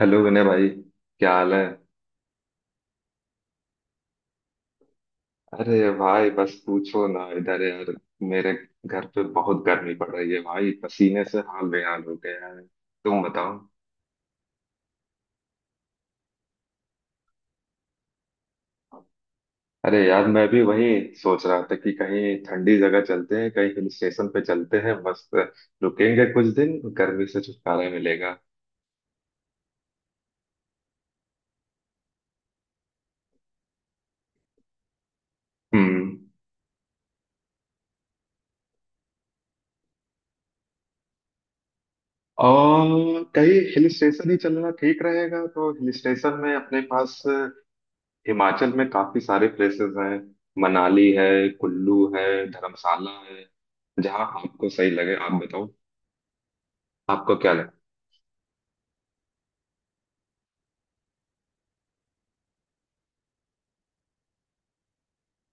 Hello Vinay भाई, क्या हाल है। अरे भाई, बस पूछो ना इधर यार। मेरे घर पे बहुत गर्मी पड़ रही है भाई, पसीने से हाल बेहाल हो गया है। तुम बताओ। अरे यार, मैं भी वही सोच रहा था कि कहीं ठंडी जगह चलते हैं, कहीं हिल स्टेशन पे चलते हैं। बस रुकेंगे कुछ दिन, गर्मी से छुटकारा मिलेगा। हम्म। और कहीं हिल स्टेशन ही चलना ठीक रहेगा, तो हिल स्टेशन में अपने पास हिमाचल में काफी सारे प्लेसेस हैं। मनाली है, कुल्लू है, धर्मशाला है। जहाँ आपको सही लगे आप बताओ। आपको क्या लगे।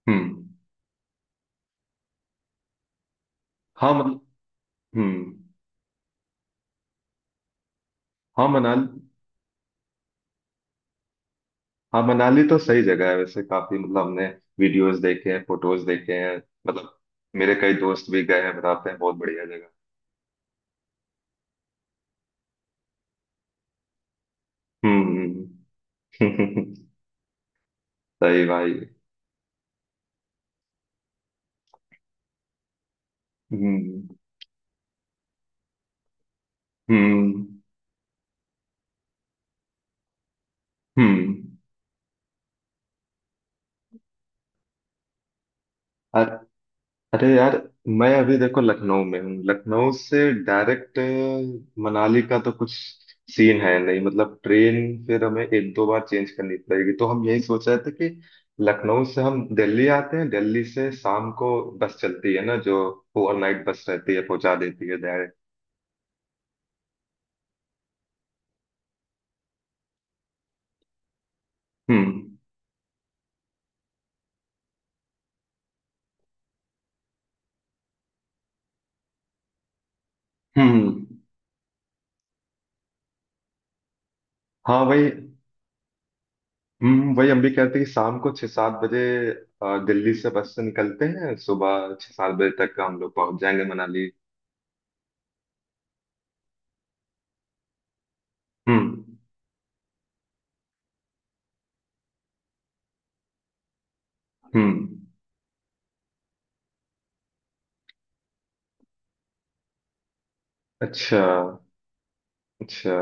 हम्म। हाँ, मन हम्म। हाँ, मनाली। हाँ, मनाली तो सही जगह है वैसे। काफी, मतलब हमने वीडियोस देखे हैं, फोटोज देखे हैं। मतलब मेरे कई दोस्त भी गए हैं, बताते हैं बहुत बढ़िया जगह। हम्म। सही भाई। हम्म। हम्म। हम्म। अरे यार, मैं अभी देखो लखनऊ में हूँ। लखनऊ से डायरेक्ट मनाली का तो कुछ सीन है नहीं, मतलब ट्रेन। फिर हमें एक दो बार चेंज करनी पड़ेगी, तो हम यही सोच रहे थे कि लखनऊ से हम दिल्ली आते हैं, दिल्ली से शाम को बस चलती है ना, जो ओवरनाइट बस रहती है, पहुंचा देती है डायरेक्ट। हम्म। हम्म। हाँ, वही। वही हम भी कहते हैं कि शाम को 6-7 बजे दिल्ली से बस से निकलते हैं, सुबह 6-7 बजे तक हम लोग पहुंच जाएंगे मनाली। हम्म। हम्म। अच्छा। अच्छा।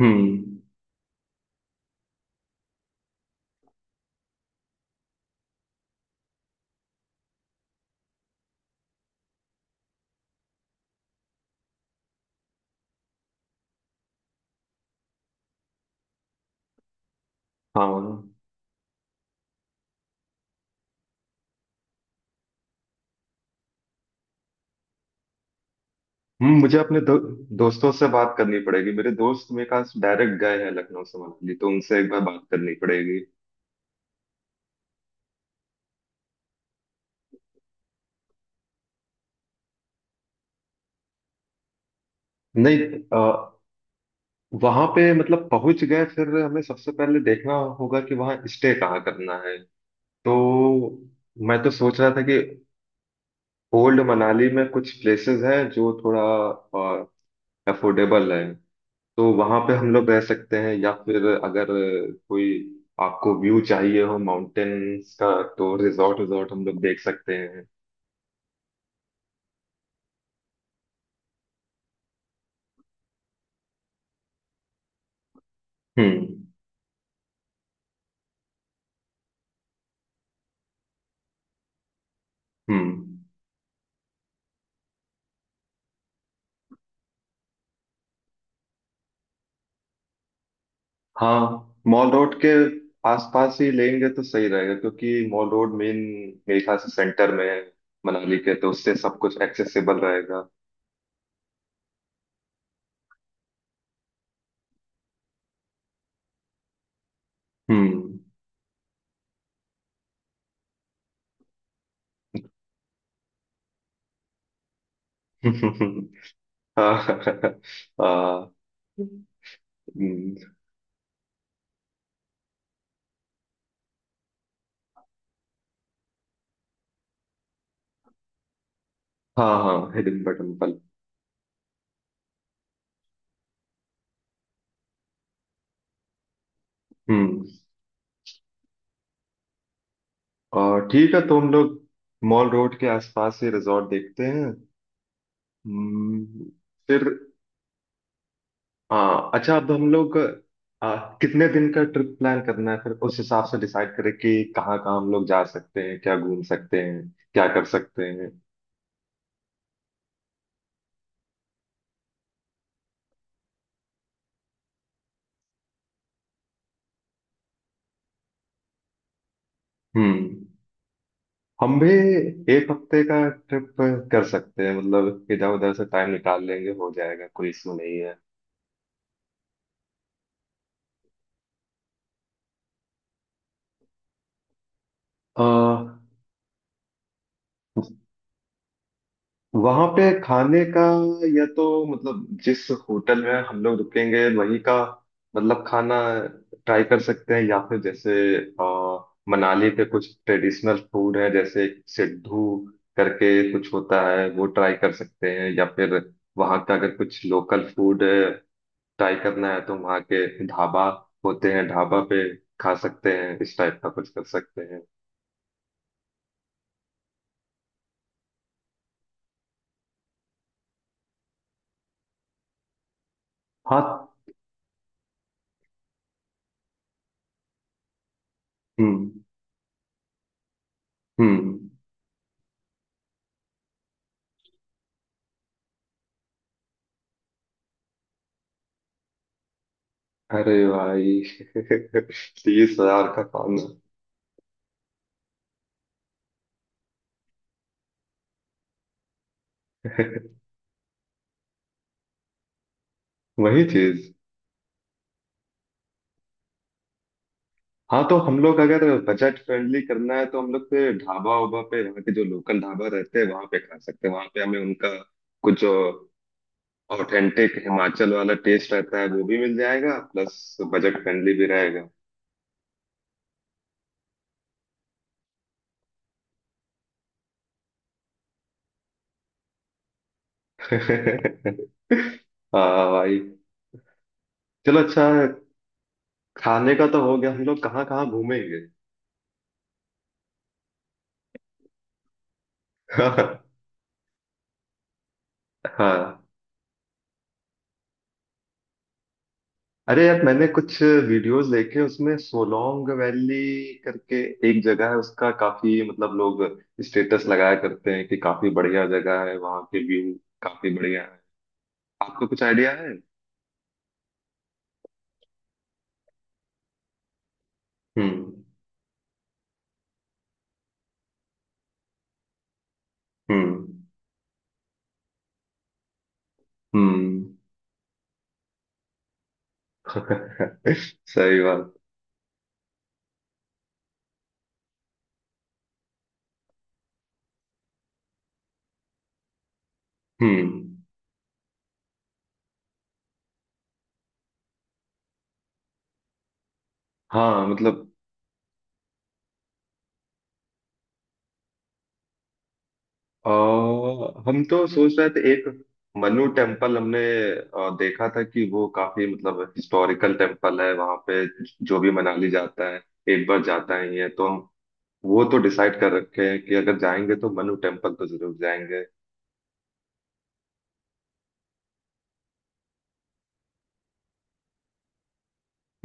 हम्म। हाँ, हाँ। मुझे अपने दोस्तों से बात करनी पड़ेगी। मेरे दोस्त मेरे पास डायरेक्ट गए हैं लखनऊ से मनाली, तो उनसे एक बार बात करनी पड़ेगी। नहीं। आ, वहां पे मतलब पहुंच गए फिर हमें सबसे पहले देखना होगा कि वहाँ स्टे कहाँ करना है। तो मैं तो सोच रहा था कि ओल्ड मनाली में कुछ प्लेसेस हैं जो थोड़ा अफोर्डेबल है। तो वहां पे हम लोग रह सकते हैं, या फिर अगर कोई आपको व्यू चाहिए हो माउंटेन्स का, तो रिजॉर्ट रिजॉर्ट हम लोग देख सकते हैं। हम्म। हम्म। हाँ, मॉल रोड के आसपास ही लेंगे तो सही रहेगा, क्योंकि मॉल रोड मेन मेरे ख्याल से सेंटर में है मनाली के, तो उससे सब कुछ एक्सेसिबल रहेगा। हम्म। हाँ, हाँ। हाँ, हाँ, हिडन टेम्पल। और ठीक है, तो हम लोग मॉल रोड के आसपास ही रिजॉर्ट देखते हैं। हम्म। फिर हाँ, अच्छा, अब हम लोग आ, कितने दिन का ट्रिप प्लान करना है, फिर उस हिसाब से डिसाइड करें कि कहाँ कहाँ हम लोग जा सकते हैं, क्या घूम सकते हैं, क्या कर सकते हैं। हम्म हम भी एक हफ्ते का ट्रिप कर सकते हैं, मतलब इधर उधर से टाइम निकाल लेंगे, हो जाएगा, कोई इशू नहीं है। आ, वहां पे खाने का, या तो मतलब जिस होटल में हम लोग रुकेंगे वही का मतलब खाना ट्राई कर सकते हैं, या फिर जैसे मनाली पे कुछ ट्रेडिशनल फूड है जैसे सिड्डू करके कुछ होता है वो ट्राई कर सकते हैं, या फिर वहां का अगर कुछ लोकल फूड ट्राई करना है तो वहां के ढाबा होते हैं, ढाबा पे खा सकते हैं, इस टाइप का कुछ कर सकते हैं। हाँ। हम्म। हम्म। अरे भाई! 30,000 का खाना! वही चीज। हाँ, तो हम लोग अगर बजट फ्रेंडली करना है तो हम लोग पे ढाबा उबा पे, यहाँ के जो लोकल ढाबा रहते हैं वहां पे खा सकते हैं, वहां पे हमें उनका कुछ जो ऑथेंटिक हिमाचल वाला टेस्ट रहता है वो भी मिल जाएगा, प्लस बजट फ्रेंडली भी रहेगा। हाँ भाई। चलो, अच्छा है। खाने का तो हो गया, हम लोग कहाँ कहाँ घूमेंगे। हाँ। अरे यार, मैंने कुछ वीडियोस देखे, उसमें सोलोंग वैली करके एक जगह है, उसका काफी मतलब लोग स्टेटस लगाया करते हैं कि काफी बढ़िया जगह है, वहाँ के व्यू काफी बढ़िया है। आपको कुछ आइडिया है। हम्म। हम्म। हम्म। सही बात। हम्म। हाँ मतलब आ, हम तो सोच रहे थे एक मनु टेम्पल, हमने देखा था कि वो काफी मतलब हिस्टोरिकल टेम्पल है वहां पे, जो भी मनाली जाता है एक बार जाता ही है, तो हम वो तो डिसाइड कर रखे हैं कि अगर जाएंगे तो मनु टेम्पल तो जरूर जाएंगे।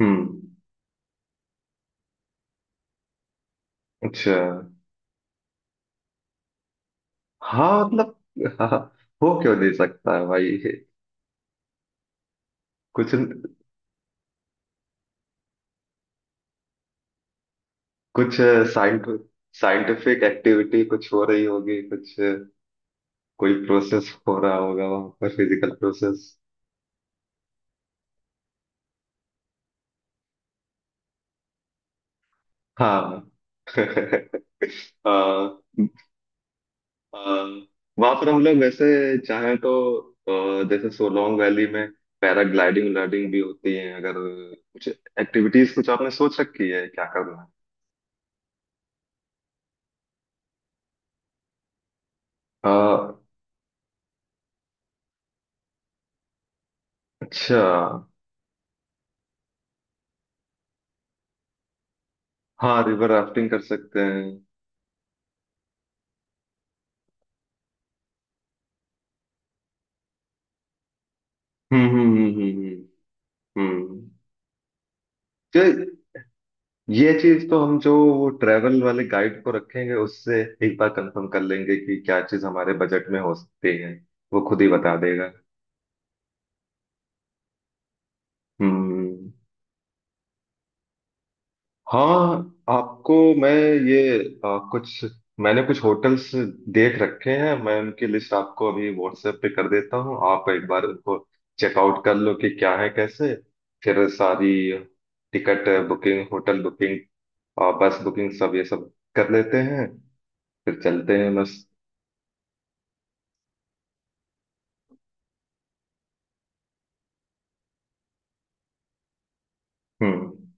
हम्म। अच्छा। हाँ मतलब हाँ, हो क्यों नहीं सकता है भाई। कुछ कुछ साइंट साइंटिफिक एक्टिविटी कुछ हो रही होगी, कुछ कोई प्रोसेस हो रहा होगा वहां पर, फिजिकल प्रोसेस। हाँ। हाँ, वहां पर हम लोग वैसे चाहें तो जैसे सोलोंग वैली में पैराग्लाइडिंग व्लाइडिंग भी होती है। अगर कुछ एक्टिविटीज कुछ आपने सोच रखी है क्या करना है। अ, अच्छा। हाँ, रिवर राफ्टिंग कर सकते हैं। हम्म। हम्म। हम्म। हम्म। हम्म। तो ये चीज तो हम जो वो ट्रेवल वाले गाइड को रखेंगे, उससे एक बार कंफर्म कर लेंगे कि क्या चीज हमारे बजट में हो सकती है, वो खुद ही बता देगा। हम्म। हाँ, आपको मैं ये कुछ मैंने कुछ होटल्स देख रखे हैं, मैं उनकी लिस्ट आपको अभी व्हाट्सएप पे कर देता हूँ, आप एक बार उनको चेकआउट कर लो कि क्या है कैसे। फिर सारी टिकट बुकिंग, होटल बुकिंग और बस बुकिंग, सब ये सब कर लेते हैं फिर चलते हैं बस। हम्म।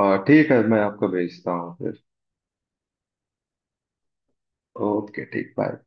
हाँ, ठीक है, मैं आपको भेजता हूँ फिर। ओके, ठीक। बाय।